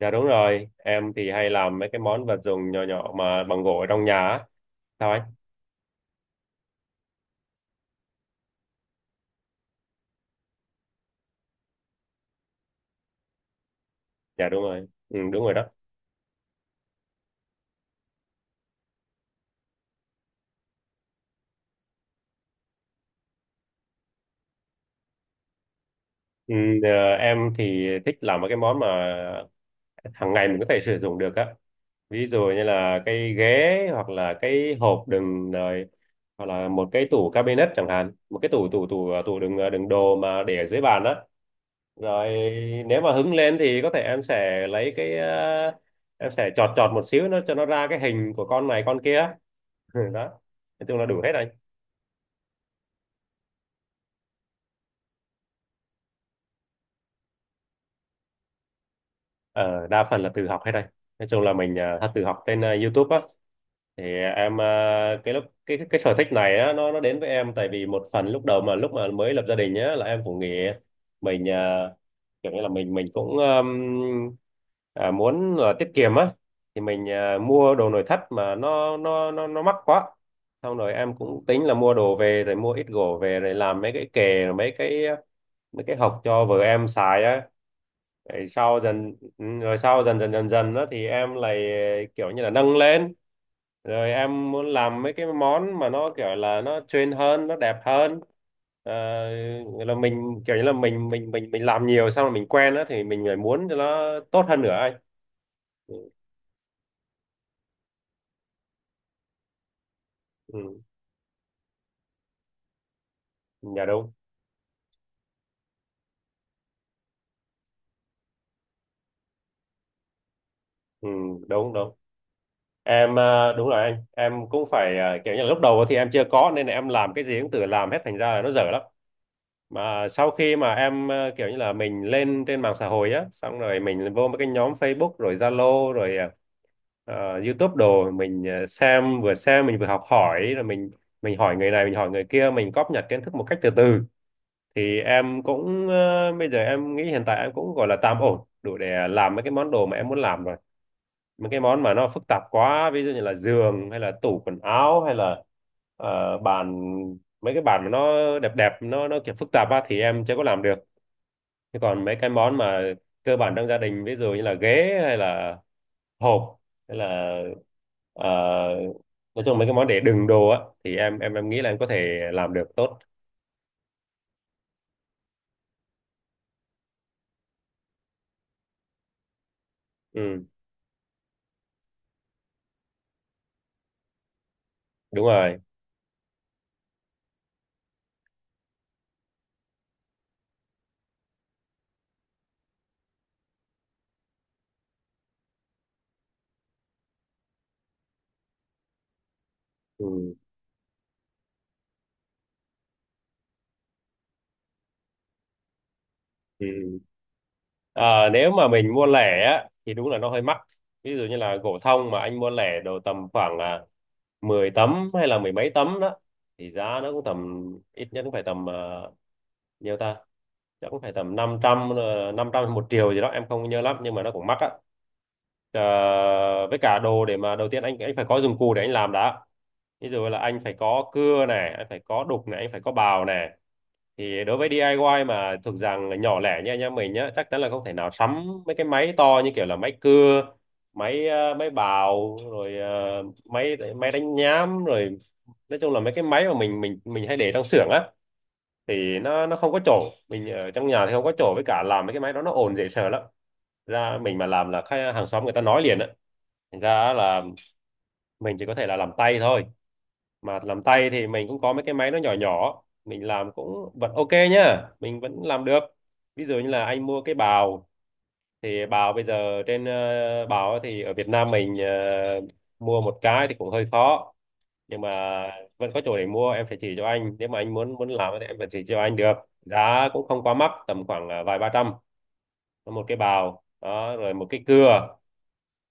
Dạ đúng rồi, em thì hay làm mấy cái món vật dụng nhỏ nhỏ mà bằng gỗ ở trong nhà á. Sao anh? Dạ đúng rồi, ừ, đúng rồi đó. Ừ, ờ, em thì thích làm mấy cái món mà hàng ngày mình có thể sử dụng được á. Ví dụ như là cái ghế hoặc là cái hộp đựng rồi, hoặc là một cái tủ cabinet chẳng hạn, một cái tủ tủ tủ ờ, tủ đựng đồ mà để ở dưới bàn đó. Rồi nếu mà hứng lên thì có thể em sẽ chọt chọt một xíu nó cho nó ra cái hình của con này con kia. Ừ, đó, nói chung là đủ hết đây, ờ, đa phần là tự học hết đây, nói chung là mình tự học trên YouTube á. Thì cái lúc cái sở thích này á nó đến với em, tại vì một phần lúc đầu mà lúc mà mới lập gia đình nhá là em cũng nghĩ mình kiểu như là mình cũng muốn là tiết kiệm á, thì mình mua đồ nội thất mà nó mắc quá. Xong rồi em cũng tính là mua đồ về rồi mua ít gỗ về rồi làm mấy cái kệ, mấy cái, mấy cái hộc cho vợ em xài á. Rồi sau dần, ừ, rồi sau dần dần đó thì em lại kiểu như là nâng lên, rồi em muốn làm mấy cái món mà nó kiểu là nó trend hơn, nó đẹp hơn. Ờ, nghĩa là mình kiểu như là mình làm nhiều xong rồi mình quen đó thì mình lại muốn cho nó tốt hơn nữa anh. Ừ, ừ, dạ đúng, ừ, đúng đúng. Đúng rồi anh, em cũng phải kiểu như là lúc đầu thì em chưa có, nên là em làm cái gì cũng tự làm hết thành ra là nó dở lắm. Mà sau khi mà em kiểu như là mình lên trên mạng xã hội á, xong rồi mình vô mấy cái nhóm Facebook rồi Zalo rồi YouTube đồ, mình xem, vừa xem mình vừa học hỏi rồi mình hỏi người này mình hỏi người kia, mình cóp nhặt kiến thức một cách từ từ. Thì em cũng bây giờ em nghĩ hiện tại em cũng gọi là tạm ổn đủ để làm mấy cái món đồ mà em muốn làm rồi. Mấy cái món mà nó phức tạp quá ví dụ như là giường hay là tủ quần áo hay là bàn, mấy cái bàn mà nó đẹp đẹp, nó kiểu phức tạp á thì em chưa có làm được. Thế còn mấy cái món mà cơ bản trong gia đình ví dụ như là ghế hay là hộp hay là ờ, nói chung mấy cái món để đựng đồ á thì em nghĩ là em có thể làm được tốt. Ừ, đúng rồi. Ừ, ừ. Ừ. Ờ, nếu mà mình mua lẻ á thì đúng là nó hơi mắc. Ví dụ như là gỗ thông mà anh mua lẻ đồ tầm khoảng 10 tấm hay là mười mấy tấm đó thì giá nó cũng tầm, ít nhất cũng phải tầm, uh, nhiêu ta, chắc cũng phải tầm năm trăm, 500 một triệu gì đó em không nhớ lắm, nhưng mà nó cũng mắc á. Ờ, với cả đồ để mà đầu tiên anh phải có dụng cụ để anh làm đã, ví dụ là anh phải có cưa này, anh phải có đục này, anh phải có bào này. Thì đối với DIY mà thuộc dạng nhỏ lẻ như anh em mình nhá, chắc chắn là không thể nào sắm mấy cái máy to như kiểu là máy cưa, máy máy bào rồi máy máy đánh nhám rồi, nói chung là mấy cái máy mà mình hay để trong xưởng á, thì nó không có chỗ, mình ở trong nhà thì không có chỗ, với cả làm mấy cái máy đó nó ồn dễ sợ lắm. Ra mình mà làm là khách hàng xóm người ta nói liền á, thành ra là mình chỉ có thể là làm tay thôi. Mà làm tay thì mình cũng có mấy cái máy nó nhỏ nhỏ mình làm cũng vẫn ok nhá, mình vẫn làm được. Ví dụ như là anh mua cái bào, thì bào bây giờ bào thì ở Việt Nam mình mua một cái thì cũng hơi khó, nhưng mà vẫn có chỗ để mua, em phải chỉ cho anh, nếu mà anh muốn muốn làm thì em phải chỉ cho anh được. Giá cũng không quá mắc, tầm khoảng vài ba trăm. Có một cái bào đó rồi một cái cưa,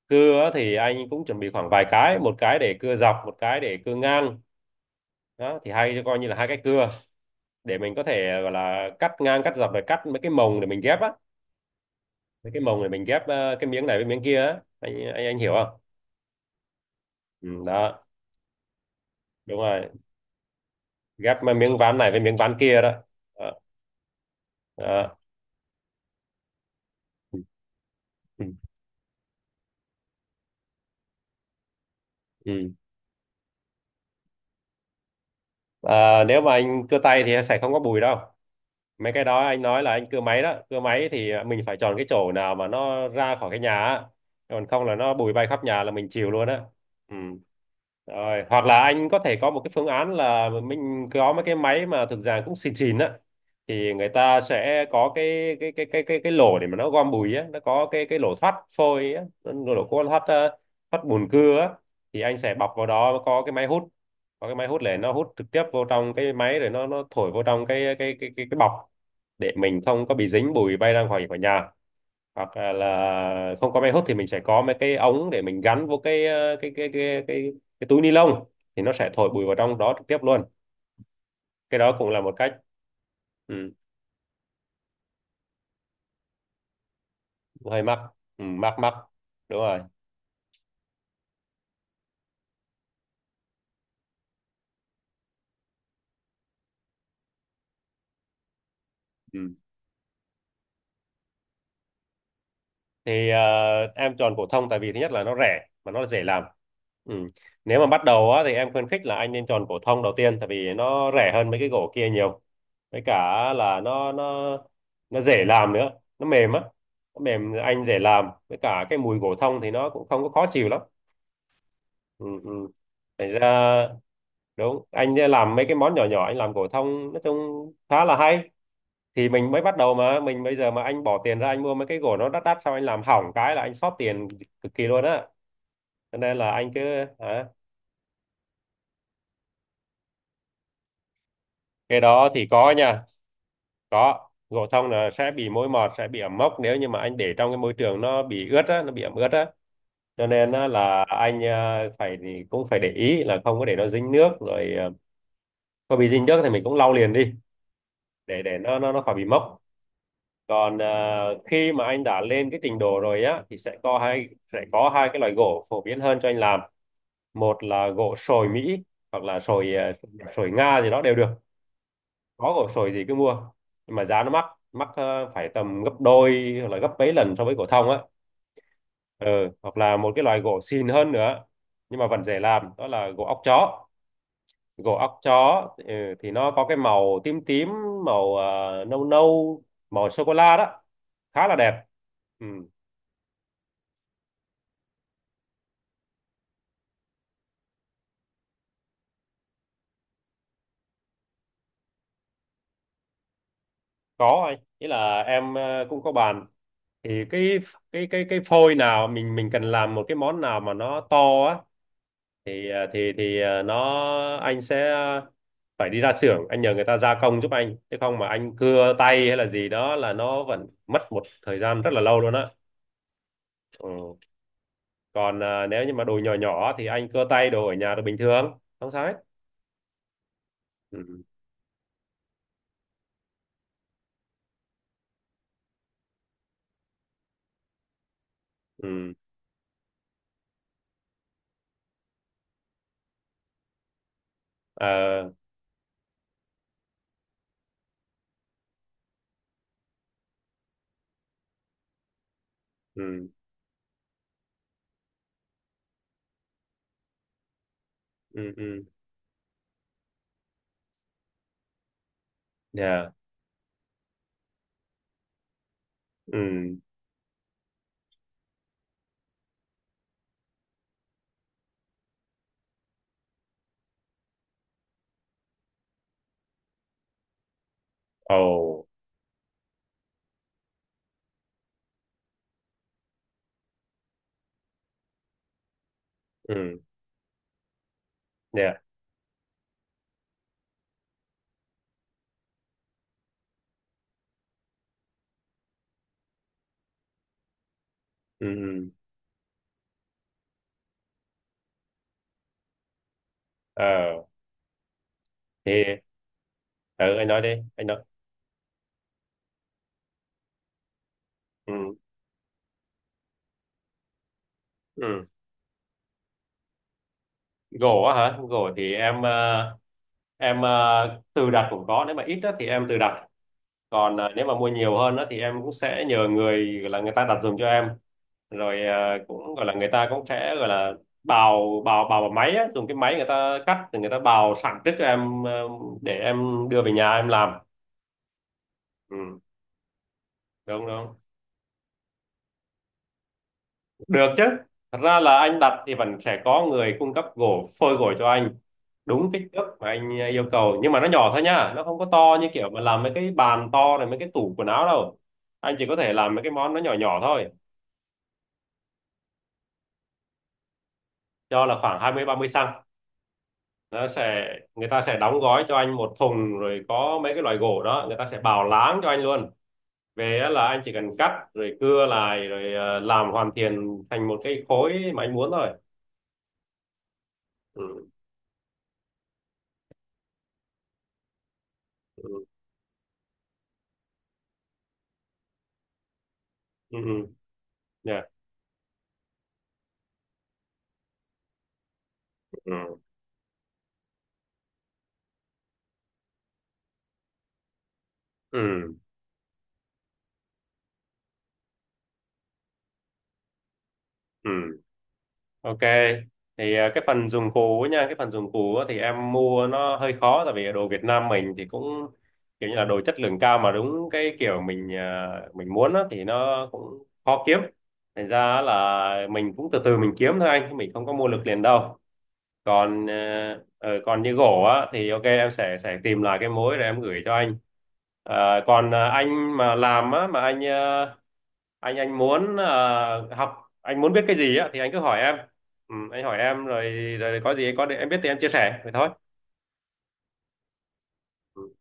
cưa thì anh cũng chuẩn bị khoảng vài cái, một cái để cưa dọc, một cái để cưa ngang, đó thì hay coi như là hai cái cưa, để mình có thể gọi là cắt ngang cắt dọc rồi cắt mấy cái mồng để mình ghép á, mấy cái mồng để mình ghép cái miếng này với miếng kia á, anh hiểu không? Ừ, đó, đúng rồi, ghép miếng ván này với miếng ván kia đó, đó. Đó. Ừ. Ừ. Ừ. Ờ, nếu mà anh cưa tay thì sẽ không có bùi đâu. Mấy cái đó anh nói là anh cưa máy đó, cưa máy thì mình phải chọn cái chỗ nào mà nó ra khỏi cái nhà á, còn không là nó bụi bay khắp nhà là mình chịu luôn á. Ừ. Rồi hoặc là anh có thể có một cái phương án là mình có mấy cái máy mà thực ra cũng xịn xịn á, thì người ta sẽ có cái lỗ để mà nó gom bụi á, nó có cái lỗ thoát phôi á, nó lỗ có thoát bùn cưa á. Thì anh sẽ bọc vào đó có cái máy hút, có cái máy hút để nó hút trực tiếp vô trong cái máy rồi nó thổi vô trong cái bọc, để mình không có bị dính bụi bay ra ngoài khỏi nhà. Hoặc là không có máy hút thì mình sẽ có mấy cái ống để mình gắn vô cái ờ, cái túi ni lông, thì nó sẽ thổi bụi vào trong đó trực tiếp luôn, cái đó cũng là một cách. Ừ, hơi mắc. Ừ, mắc mắc. Đúng rồi. Ừ. Thì em chọn phổ thông tại vì thứ nhất là nó rẻ mà nó dễ làm. Ừ. Nếu mà bắt đầu á thì em khuyến khích là anh nên chọn phổ thông đầu tiên, tại vì nó rẻ hơn mấy cái gỗ kia nhiều, với cả là nó dễ làm nữa, nó mềm á, nó mềm anh dễ làm, với cả cái mùi gỗ thông thì nó cũng không có khó chịu lắm. Ừ, ừ. Thành ra, đúng, anh làm mấy cái món nhỏ nhỏ anh làm gỗ thông nói chung khá là hay. Thì mình mới bắt đầu mà mình bây giờ mà anh bỏ tiền ra anh mua mấy cái gỗ nó đắt đắt xong anh làm hỏng cái là anh sót tiền cực kỳ luôn á, cho nên là anh cứ. Hả? Cái đó thì có nha, có, gỗ thông là sẽ bị mối mọt, sẽ bị ẩm mốc, nếu như mà anh để trong cái môi trường nó bị ướt á, nó bị ẩm ướt á. Cho nên á, là anh phải, thì cũng phải để ý là không có để nó dính nước rồi, có bị dính nước thì mình cũng lau liền đi, để nó khỏi bị mốc. Còn khi mà anh đã lên cái trình độ rồi á thì sẽ có hai cái loại gỗ phổ biến hơn cho anh làm, một là gỗ sồi Mỹ, hoặc là sồi Nga gì đó đều được, có gỗ sồi gì cứ mua. Nhưng mà giá nó mắc, mắc phải tầm gấp đôi hoặc là gấp mấy lần so với gỗ thông á. Ừ, hoặc là một cái loại gỗ xịn hơn nữa nhưng mà vẫn dễ làm đó là gỗ óc chó, gỗ óc chó, ừ, thì nó có cái màu tím tím, màu nâu nâu, màu sô cô la đó, khá là đẹp. Ừ. Có anh, ý là em cũng có bàn, thì cái phôi nào mình cần làm một cái món nào mà nó to á thì à, thì thì à, nó anh sẽ phải đi ra xưởng anh nhờ người ta gia công giúp anh, chứ không mà anh cưa tay hay là gì đó là nó vẫn mất một thời gian rất là lâu luôn á. Ừ. Còn nếu như mà đồ nhỏ nhỏ thì anh cưa tay đồ ở nhà đồ bình thường không sao hết. Ừ. Ừ. Ờ. Ừ. Ừ. Ừ. Yeah. Ừ. Ồ. Ừ. Yeah. Ừ. Ừ. ờ thì, ừ, anh nói đi, anh nói. Ừ. Ừ. Gỗ á hả? Gỗ thì em tự đặt cũng có, nếu mà ít á thì em tự đặt, còn nếu mà mua nhiều hơn á thì em cũng sẽ nhờ người, gọi là người ta đặt giùm cho em. Rồi cũng gọi là người ta cũng sẽ gọi là bào bào bào bằng máy á, dùng cái máy người ta cắt rồi người ta bào sẵn trước cho em để em đưa về nhà em làm. Ừ, đúng đúng. Được chứ. Thật ra là anh đặt thì vẫn sẽ có người cung cấp gỗ phôi gỗ cho anh đúng kích thước mà anh yêu cầu, nhưng mà nó nhỏ thôi nha, nó không có to như kiểu mà làm mấy cái bàn to này, mấy cái tủ quần áo đâu. Anh chỉ có thể làm mấy cái món nó nhỏ nhỏ thôi. Cho là khoảng 20 30 xăng, nó sẽ, người ta sẽ đóng gói cho anh một thùng rồi có mấy cái loại gỗ đó người ta sẽ bào láng cho anh luôn, về á là anh chỉ cần cắt rồi cưa lại rồi làm hoàn thiện thành một cái khối mà anh muốn thôi. Ừ. Ừ. Ừ. Ừ. Yeah. Ừ. Ừ. Ừ, ok. Thì cái phần dùng cú á thì em mua nó hơi khó, tại vì đồ Việt Nam mình thì cũng kiểu như là đồ chất lượng cao mà đúng cái kiểu mình muốn á thì nó cũng khó kiếm. Thành ra là mình cũng từ từ mình kiếm thôi anh, chứ mình không có mua lực liền đâu. Còn ờ, ờ, còn như gỗ á thì ok, em sẽ tìm lại cái mối rồi em gửi cho anh. Ờ, còn anh mà làm á, mà anh anh muốn học, anh muốn biết cái gì á thì anh cứ hỏi em, ừ, anh hỏi em rồi, rồi có gì có em biết thì em chia sẻ vậy thôi. Ừ.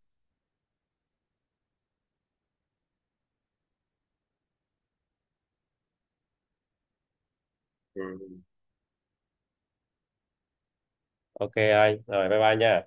Ừ. Ừ. Ok anh, rồi bye bye nha.